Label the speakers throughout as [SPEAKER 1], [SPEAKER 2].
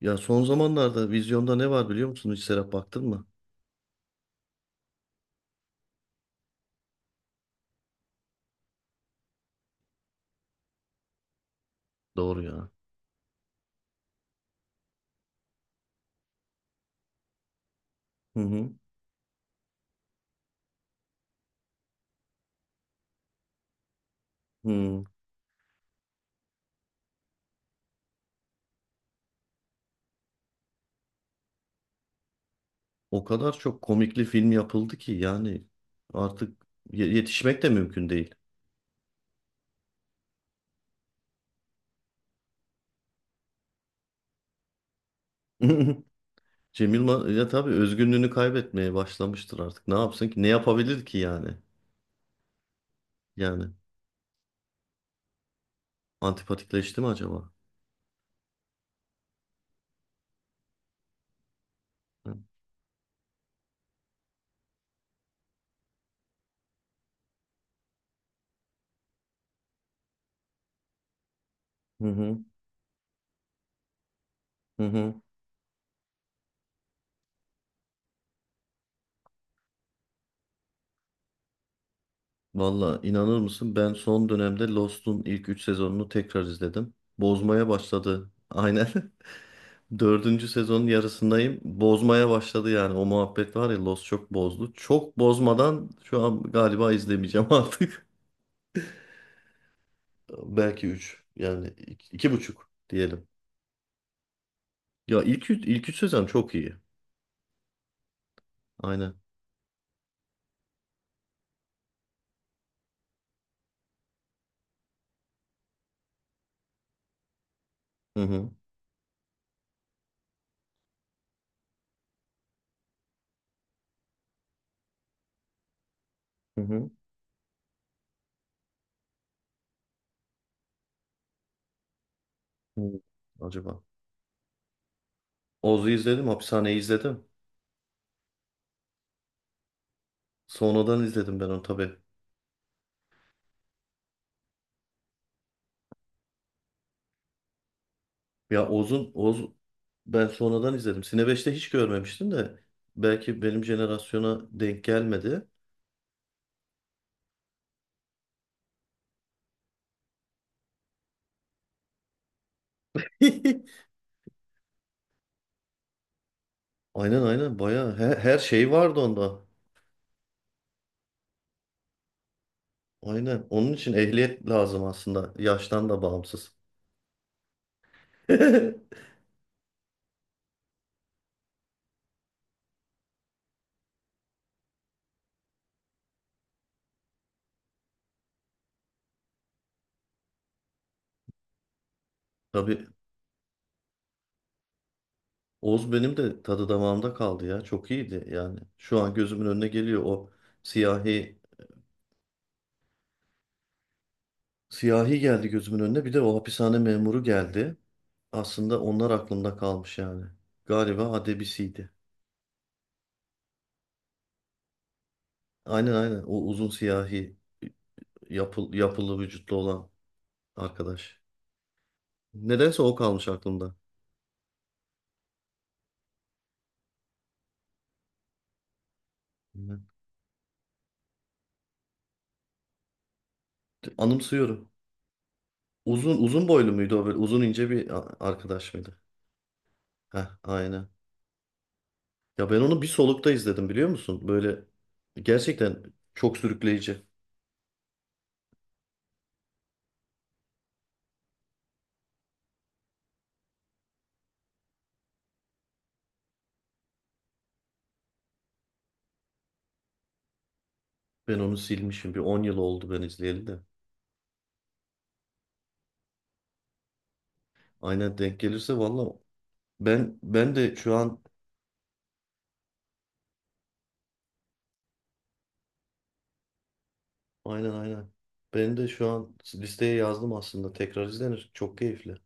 [SPEAKER 1] Ya son zamanlarda vizyonda ne var biliyor musun? Hiç Serap baktın mı? Doğru ya. Hı hı. Hı. O kadar çok komikli film yapıldı ki yani artık yetişmek de mümkün değil. Cem Yılmaz ya tabii özgünlüğünü kaybetmeye başlamıştır artık. Ne yapsın ki? Ne yapabilir ki yani? Yani antipatikleşti mi acaba? Hı hı. Hı hı. Valla inanır mısın? Ben son dönemde Lost'un ilk 3 sezonunu tekrar izledim. Bozmaya başladı. Aynen. Dördüncü sezonun yarısındayım. Bozmaya başladı yani. O muhabbet var ya, Lost çok bozdu. Çok bozmadan şu an galiba izlemeyeceğim artık. Belki üç. Yani iki, iki buçuk diyelim. Ya ilk üç sezon çok iyi. Aynen. Hı hı. Hı hı. Hı. Acaba. Oz'u izledim. Hapishaneyi izledim. Sonradan izledim ben onu tabii. Ya Oz'un Oz ben sonradan izledim. Sine 5'te hiç görmemiştim de belki benim jenerasyona denk gelmedi. Aynen aynen, bayağı her, şey vardı onda. Aynen. Onun için ehliyet lazım aslında. Yaştan da bağımsız. Tabii, Oz benim de tadı damağımda kaldı ya. Çok iyiydi yani. Şu an gözümün önüne geliyor o siyahi, siyahi geldi gözümün önüne. Bir de o hapishane memuru geldi. Aslında onlar aklımda kalmış yani. Galiba Adebisi'ydi. Aynen aynen. O uzun siyahi yapılı vücutlu olan arkadaş. Nedense o kalmış aklımda. Evet. Anımsıyorum. Uzun uzun boylu muydu o, böyle uzun ince bir arkadaş mıydı? Heh, aynen. Ya ben onu bir solukta izledim, biliyor musun? Böyle gerçekten çok sürükleyici. Ben onu silmişim. Bir 10 yıl oldu ben izleyeli de. Aynen, denk gelirse valla ben de şu an aynen aynen. Ben de şu an listeye yazdım aslında. Tekrar izlenir. Çok keyifli.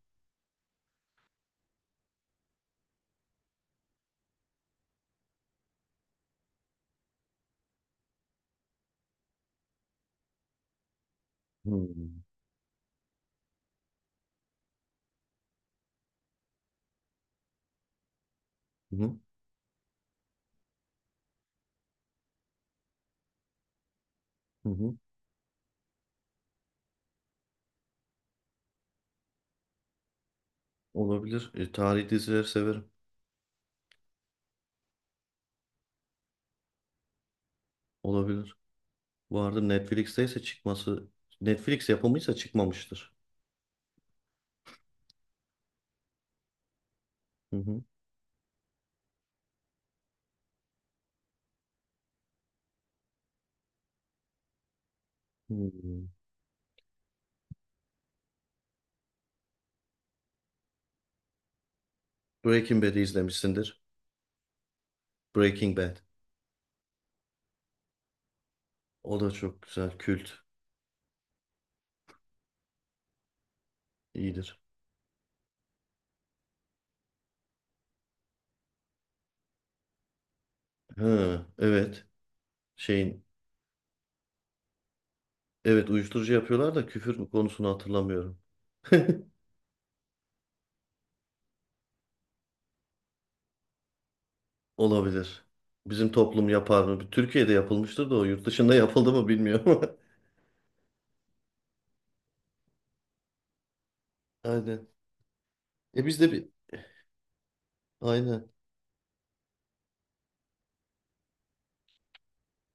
[SPEAKER 1] Hmm. Hı hı. Hı hı. Olabilir. Tarihi dizileri severim. Olabilir. Vardır, Netflix'teyse çıkması Netflix yapımıysa çıkmamıştır. Hı hı. Hmm. Breaking Bad'i izlemişsindir. Breaking Bad. O da çok güzel. Kült. İyidir. Ha, evet. Şeyin. Evet, uyuşturucu yapıyorlar da küfür mü konusunu hatırlamıyorum. Olabilir. Bizim toplum yapar mı? Türkiye'de yapılmıştır da o yurt dışında yapıldı mı bilmiyorum ama. Aynen. E bizde bir aynen.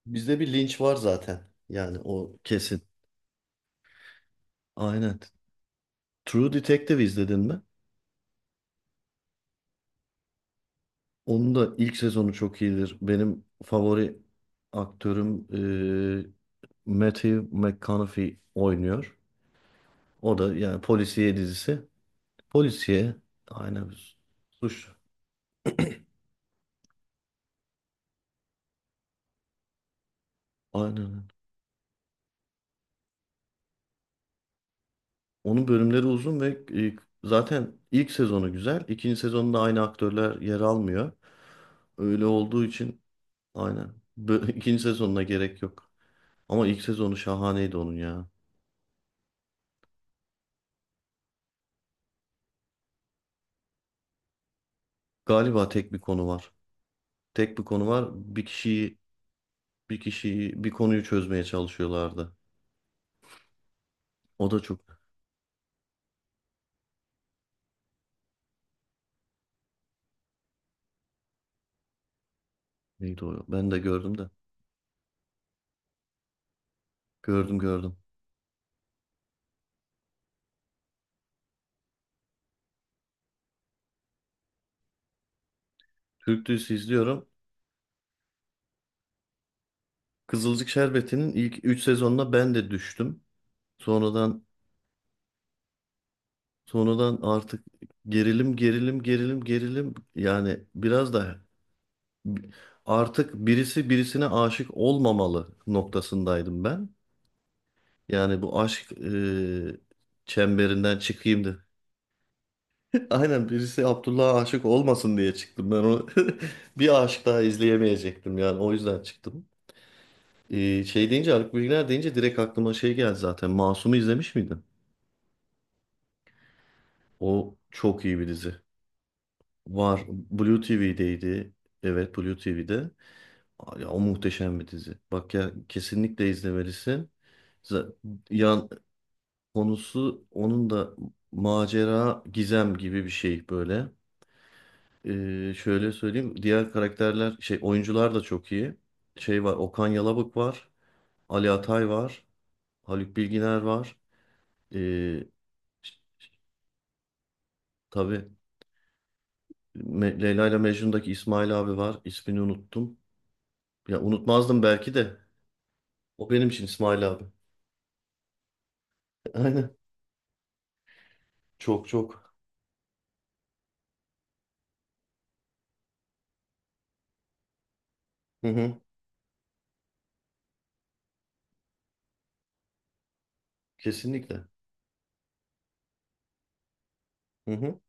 [SPEAKER 1] Bizde bir linç var zaten. Yani o kesin. Aynen. True Detective izledin mi? Onun da ilk sezonu çok iyidir. Benim favori aktörüm eee Matthew McConaughey oynuyor. O da yani polisiye dizisi. Polisiye aynen, suç. Aynen. Onun bölümleri uzun ve e, zaten ilk sezonu güzel. İkinci sezonda aynı aktörler yer almıyor. Öyle olduğu için aynen. İkinci sezonuna gerek yok. Ama ilk sezonu şahaneydi onun ya. Galiba tek bir konu var. Tek bir konu var. Bir kişiyi, bir kişiyi, bir konuyu çözmeye çalışıyorlardı. O da çok, neydi o? Ben de gördüm de. Gördüm gördüm. Türk dizisi izliyorum. Kızılcık Şerbeti'nin ilk 3 sezonuna ben de düştüm. Sonradan sonradan artık gerilim gerilim gerilim gerilim, yani biraz da artık birisi birisine aşık olmamalı noktasındaydım ben. Yani bu aşk çemberinden çıkayım da aynen birisi Abdullah'a aşık olmasın diye çıktım. Ben onu bir aşık daha izleyemeyecektim yani, o yüzden çıktım. Şey deyince, Haluk Bilginer deyince direkt aklıma şey geldi zaten. Masum'u izlemiş miydin? O çok iyi bir dizi. Var. Blue TV'deydi. Evet, Blue TV'de. Aa, ya, o muhteşem bir dizi. Bak ya, kesinlikle izlemelisin. Z- Yan konusu onun da macera, gizem gibi bir şey böyle. Şöyle söyleyeyim. Diğer karakterler, şey, oyuncular da çok iyi. Şey var, Okan Yalabık var. Ali Atay var. Haluk Bilginer var. Ee, ş- tabii Leyla ile Mecnun'daki İsmail abi var. İsmini unuttum. Ya unutmazdım belki de. O benim için İsmail abi. Aynen. Çok çok. Hı hı. Kesinlikle. Hı hı.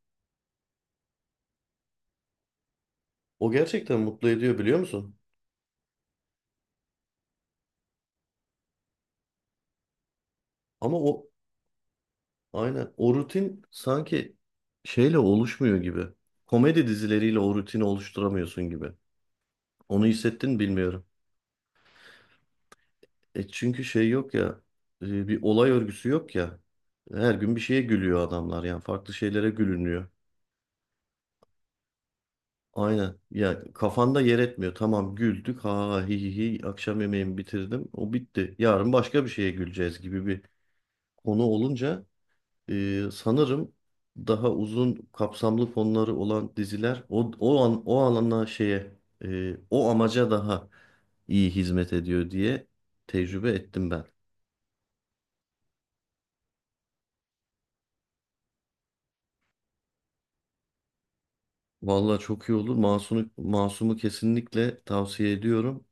[SPEAKER 1] O gerçekten mutlu ediyor, biliyor musun? Ama o aynen, o rutin sanki şeyle oluşmuyor gibi. Komedi dizileriyle o rutini oluşturamıyorsun gibi. Onu hissettin mi bilmiyorum. E çünkü şey yok ya, bir olay örgüsü yok ya. Her gün bir şeye gülüyor adamlar, yani farklı şeylere gülünüyor. Aynen. Ya kafanda yer etmiyor. Tamam, güldük. Ha hi hi hi. Akşam yemeğimi bitirdim. O bitti. Yarın başka bir şeye güleceğiz gibi bir konu olunca sanırım daha uzun kapsamlı konuları olan diziler o o an o alana şeye o amaca daha iyi hizmet ediyor diye tecrübe ettim ben. Vallahi çok iyi olur. Masum'u kesinlikle tavsiye ediyorum.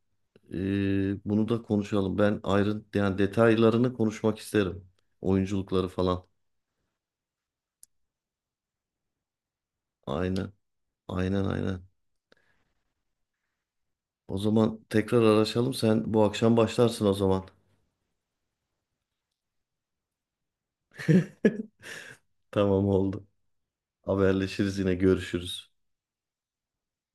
[SPEAKER 1] Bunu da konuşalım. Ben ayrı yani detaylarını konuşmak isterim. Oyunculukları falan. Aynen. Aynen aynen. O zaman tekrar araşalım. Sen bu akşam başlarsın o zaman. Tamam, oldu. Haberleşiriz, yine görüşürüz.